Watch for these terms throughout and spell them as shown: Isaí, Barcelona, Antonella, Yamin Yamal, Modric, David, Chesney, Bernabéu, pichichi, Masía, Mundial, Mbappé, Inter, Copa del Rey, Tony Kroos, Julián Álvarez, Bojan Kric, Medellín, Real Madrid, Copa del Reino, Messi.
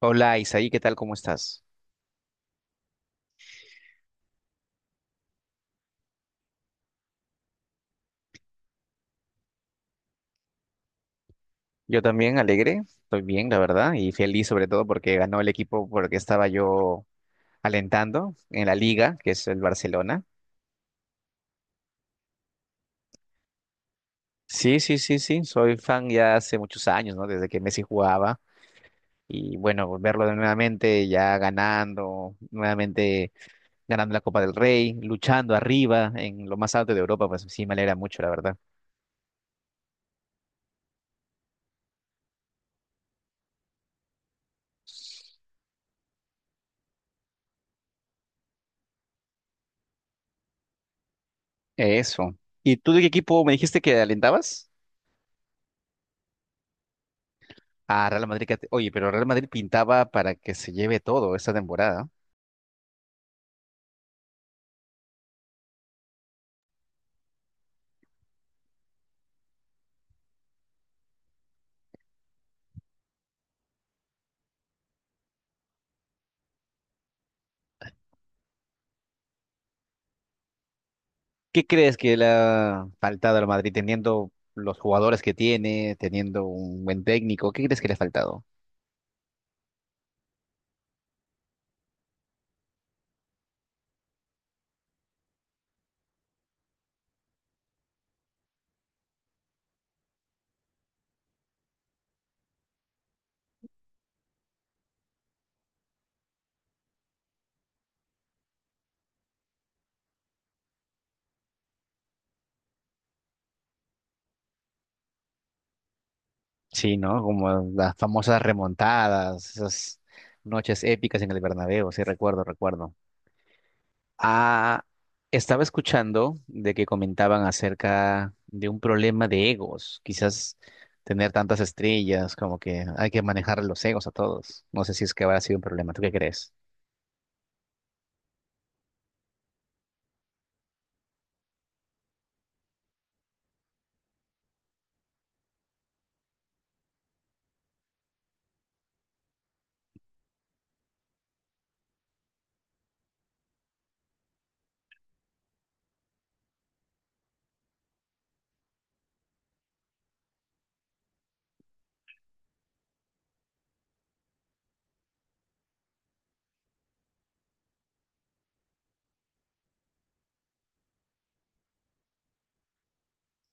Hola Isaí, ¿qué tal? ¿Cómo estás? Yo también alegre, estoy bien, la verdad, y feliz sobre todo porque ganó el equipo porque estaba yo alentando en la liga, que es el Barcelona. Sí, sí, sí, sí, soy fan ya hace muchos años, ¿no? Desde que Messi jugaba y bueno, verlo de nuevamente ya ganando, nuevamente ganando la Copa del Rey, luchando arriba en lo más alto de Europa, pues sí, me alegra mucho, la verdad. Eso. ¿Y tú de qué equipo me dijiste que alentabas? Ah, Real Madrid, oye, pero Real Madrid pintaba para que se lleve todo esta temporada. ¿Qué crees que le ha faltado al Madrid teniendo los jugadores que tiene, teniendo un buen técnico? ¿Qué crees que le ha faltado? Sí, ¿no? Como las famosas remontadas, esas noches épicas en el Bernabéu, sí, recuerdo, recuerdo. Ah, estaba escuchando de que comentaban acerca de un problema de egos, quizás tener tantas estrellas, como que hay que manejar los egos a todos. No sé si es que habrá sido un problema. ¿Tú qué crees?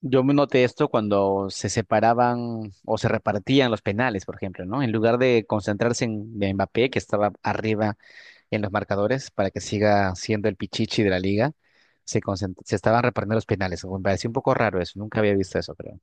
Yo me noté esto cuando se separaban o se repartían los penales, por ejemplo, ¿no? En lugar de concentrarse en Mbappé, que estaba arriba en los marcadores para que siga siendo el pichichi de la liga, se estaban repartiendo los penales. Me pareció un poco raro eso, nunca había visto eso, creo.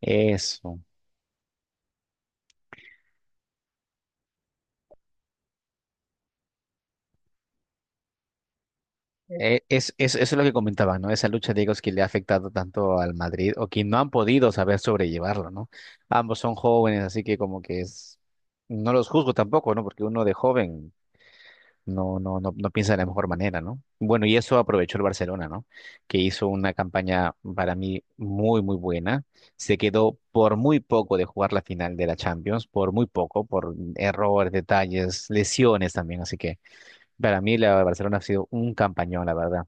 Eso. Eso es lo que comentaba, ¿no? Esa lucha de egos que le ha afectado tanto al Madrid o que no han podido saber sobrellevarlo, ¿no? Ambos son jóvenes, así que no los juzgo tampoco, ¿no? Porque uno de joven no piensa de la mejor manera, ¿no? Bueno, y eso aprovechó el Barcelona, ¿no? Que hizo una campaña para mí muy, muy buena. Se quedó por muy poco de jugar la final de la Champions, por muy poco, por errores, detalles, lesiones también, así que para mí la Barcelona ha sido un campañón, la verdad.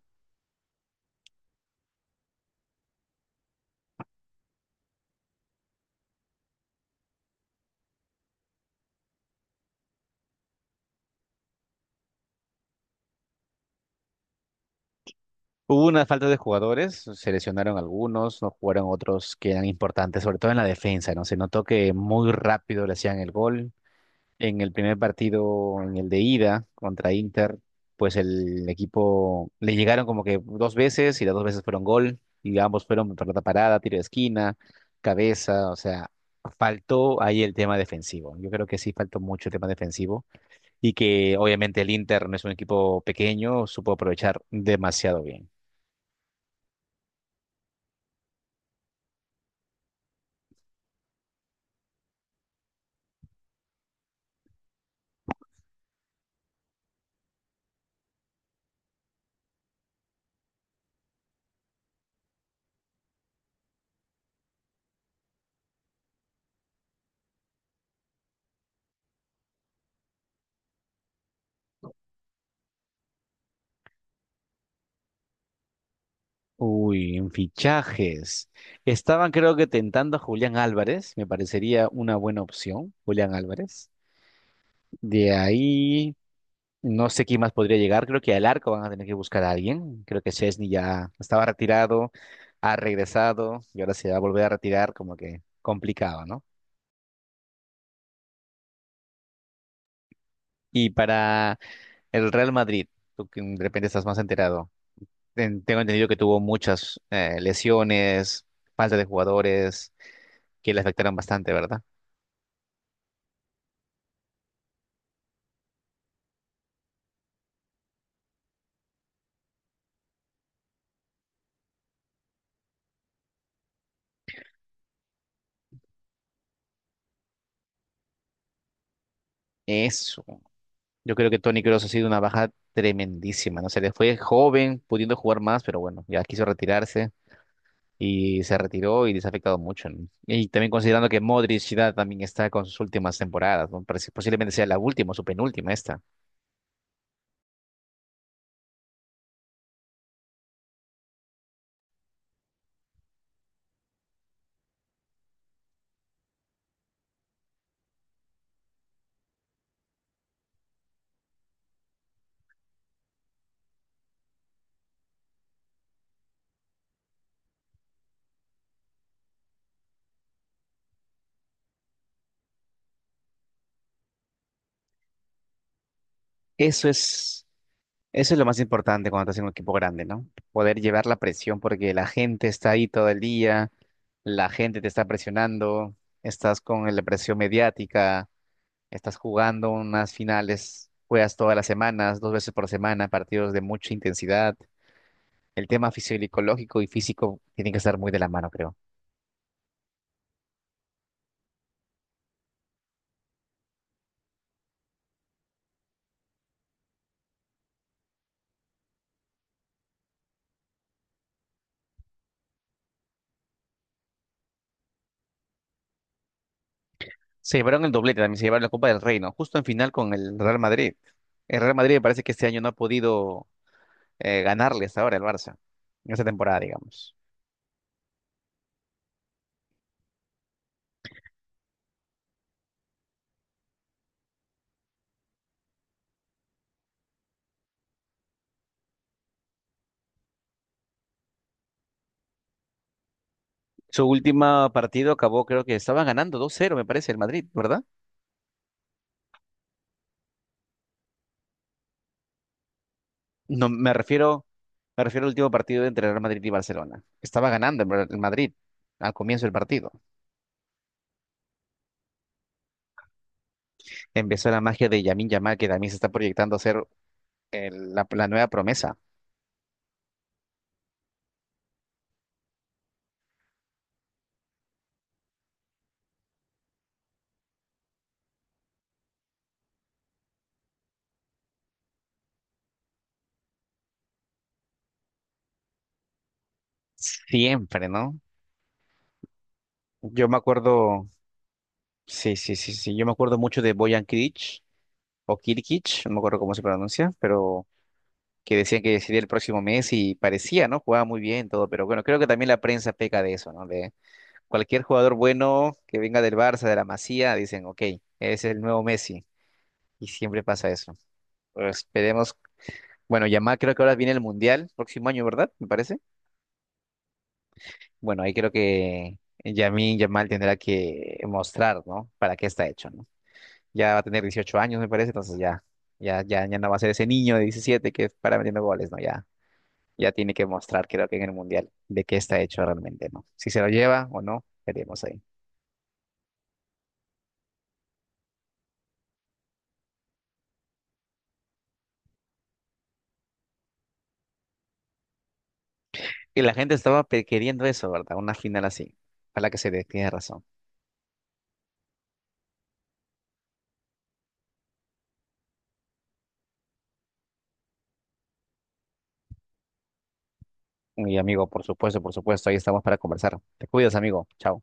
Hubo una falta de jugadores, se lesionaron algunos, no jugaron otros que eran importantes, sobre todo en la defensa, ¿no? Se notó que muy rápido le hacían el gol. En el primer partido, en el de ida contra Inter, pues el equipo le llegaron como que dos veces y las dos veces fueron gol y ambos fueron pelota parada, tiro de esquina, cabeza, o sea, faltó ahí el tema defensivo. Yo creo que sí faltó mucho el tema defensivo y que obviamente el Inter no es un equipo pequeño, supo aprovechar demasiado bien. Uy, en fichajes. Estaban creo que tentando a Julián Álvarez, me parecería una buena opción, Julián Álvarez. De ahí, no sé quién más podría llegar, creo que al arco van a tener que buscar a alguien. Creo que Chesney ya estaba retirado, ha regresado y ahora se va a volver a retirar, como que complicado, ¿no? Y para el Real Madrid, tú que de repente estás más enterado, tengo entendido que tuvo muchas lesiones, falta de jugadores que le afectaron bastante, ¿verdad? Eso. Yo creo que Tony Kroos ha sido una baja tremendísima, ¿no? Se le fue joven, pudiendo jugar más, pero bueno, ya quiso retirarse y se retiró y les ha afectado mucho, ¿no? Y también considerando que Modric ya también está con sus últimas temporadas, ¿no? Posiblemente sea la última o su penúltima esta. Eso es, eso es lo más importante cuando estás en un equipo grande, ¿no? Poder llevar la presión porque la gente está ahí todo el día, la gente te está presionando, estás con la presión mediática. Estás jugando unas finales, juegas todas las semanas, dos veces por semana, partidos de mucha intensidad. El tema fisiológico y físico tiene que estar muy de la mano, creo. Se llevaron el doblete, también se llevaron la Copa del Reino, justo en final con el Real Madrid. El Real Madrid me parece que este año no ha podido ganarle hasta ahora el Barça, en esta temporada, digamos. Su último partido acabó, creo que estaba ganando 2-0, me parece, el Madrid, ¿verdad? No, me refiero al último partido entre Real Madrid y Barcelona. Estaba ganando el el Madrid al comienzo del partido. Empezó la magia de Yamin Yamal, que también se está proyectando a ser la nueva promesa. Siempre, ¿no? Yo me acuerdo, sí, sí, sí, sí, yo me acuerdo mucho de Bojan Kric o Kirkic, no me acuerdo cómo se pronuncia, pero que decían que sería el próximo mes y parecía, ¿no? Jugaba muy bien todo, pero bueno, creo que también la prensa peca de eso, ¿no? De cualquier jugador bueno que venga del Barça, de la Masía, dicen, ok, es el nuevo Messi, y siempre pasa eso. Pero esperemos, bueno, Yamal creo que ahora viene el Mundial, próximo año, ¿verdad? Me parece. Bueno, ahí creo que Yamin Yamal tendrá que mostrar, ¿no? Para qué está hecho, ¿no? Ya va a tener 18 años, me parece, entonces ya, ya no va a ser ese niño de 17 que para metiendo goles, ¿no? Ya, ya tiene que mostrar, creo que en el Mundial, de qué está hecho realmente, ¿no? Si se lo lleva o no, veremos ahí. Y la gente estaba queriendo eso, ¿verdad? Una final así. Ojalá que se dé, tienes razón. Mi amigo, por supuesto, ahí estamos para conversar. Te cuidas, amigo. Chao.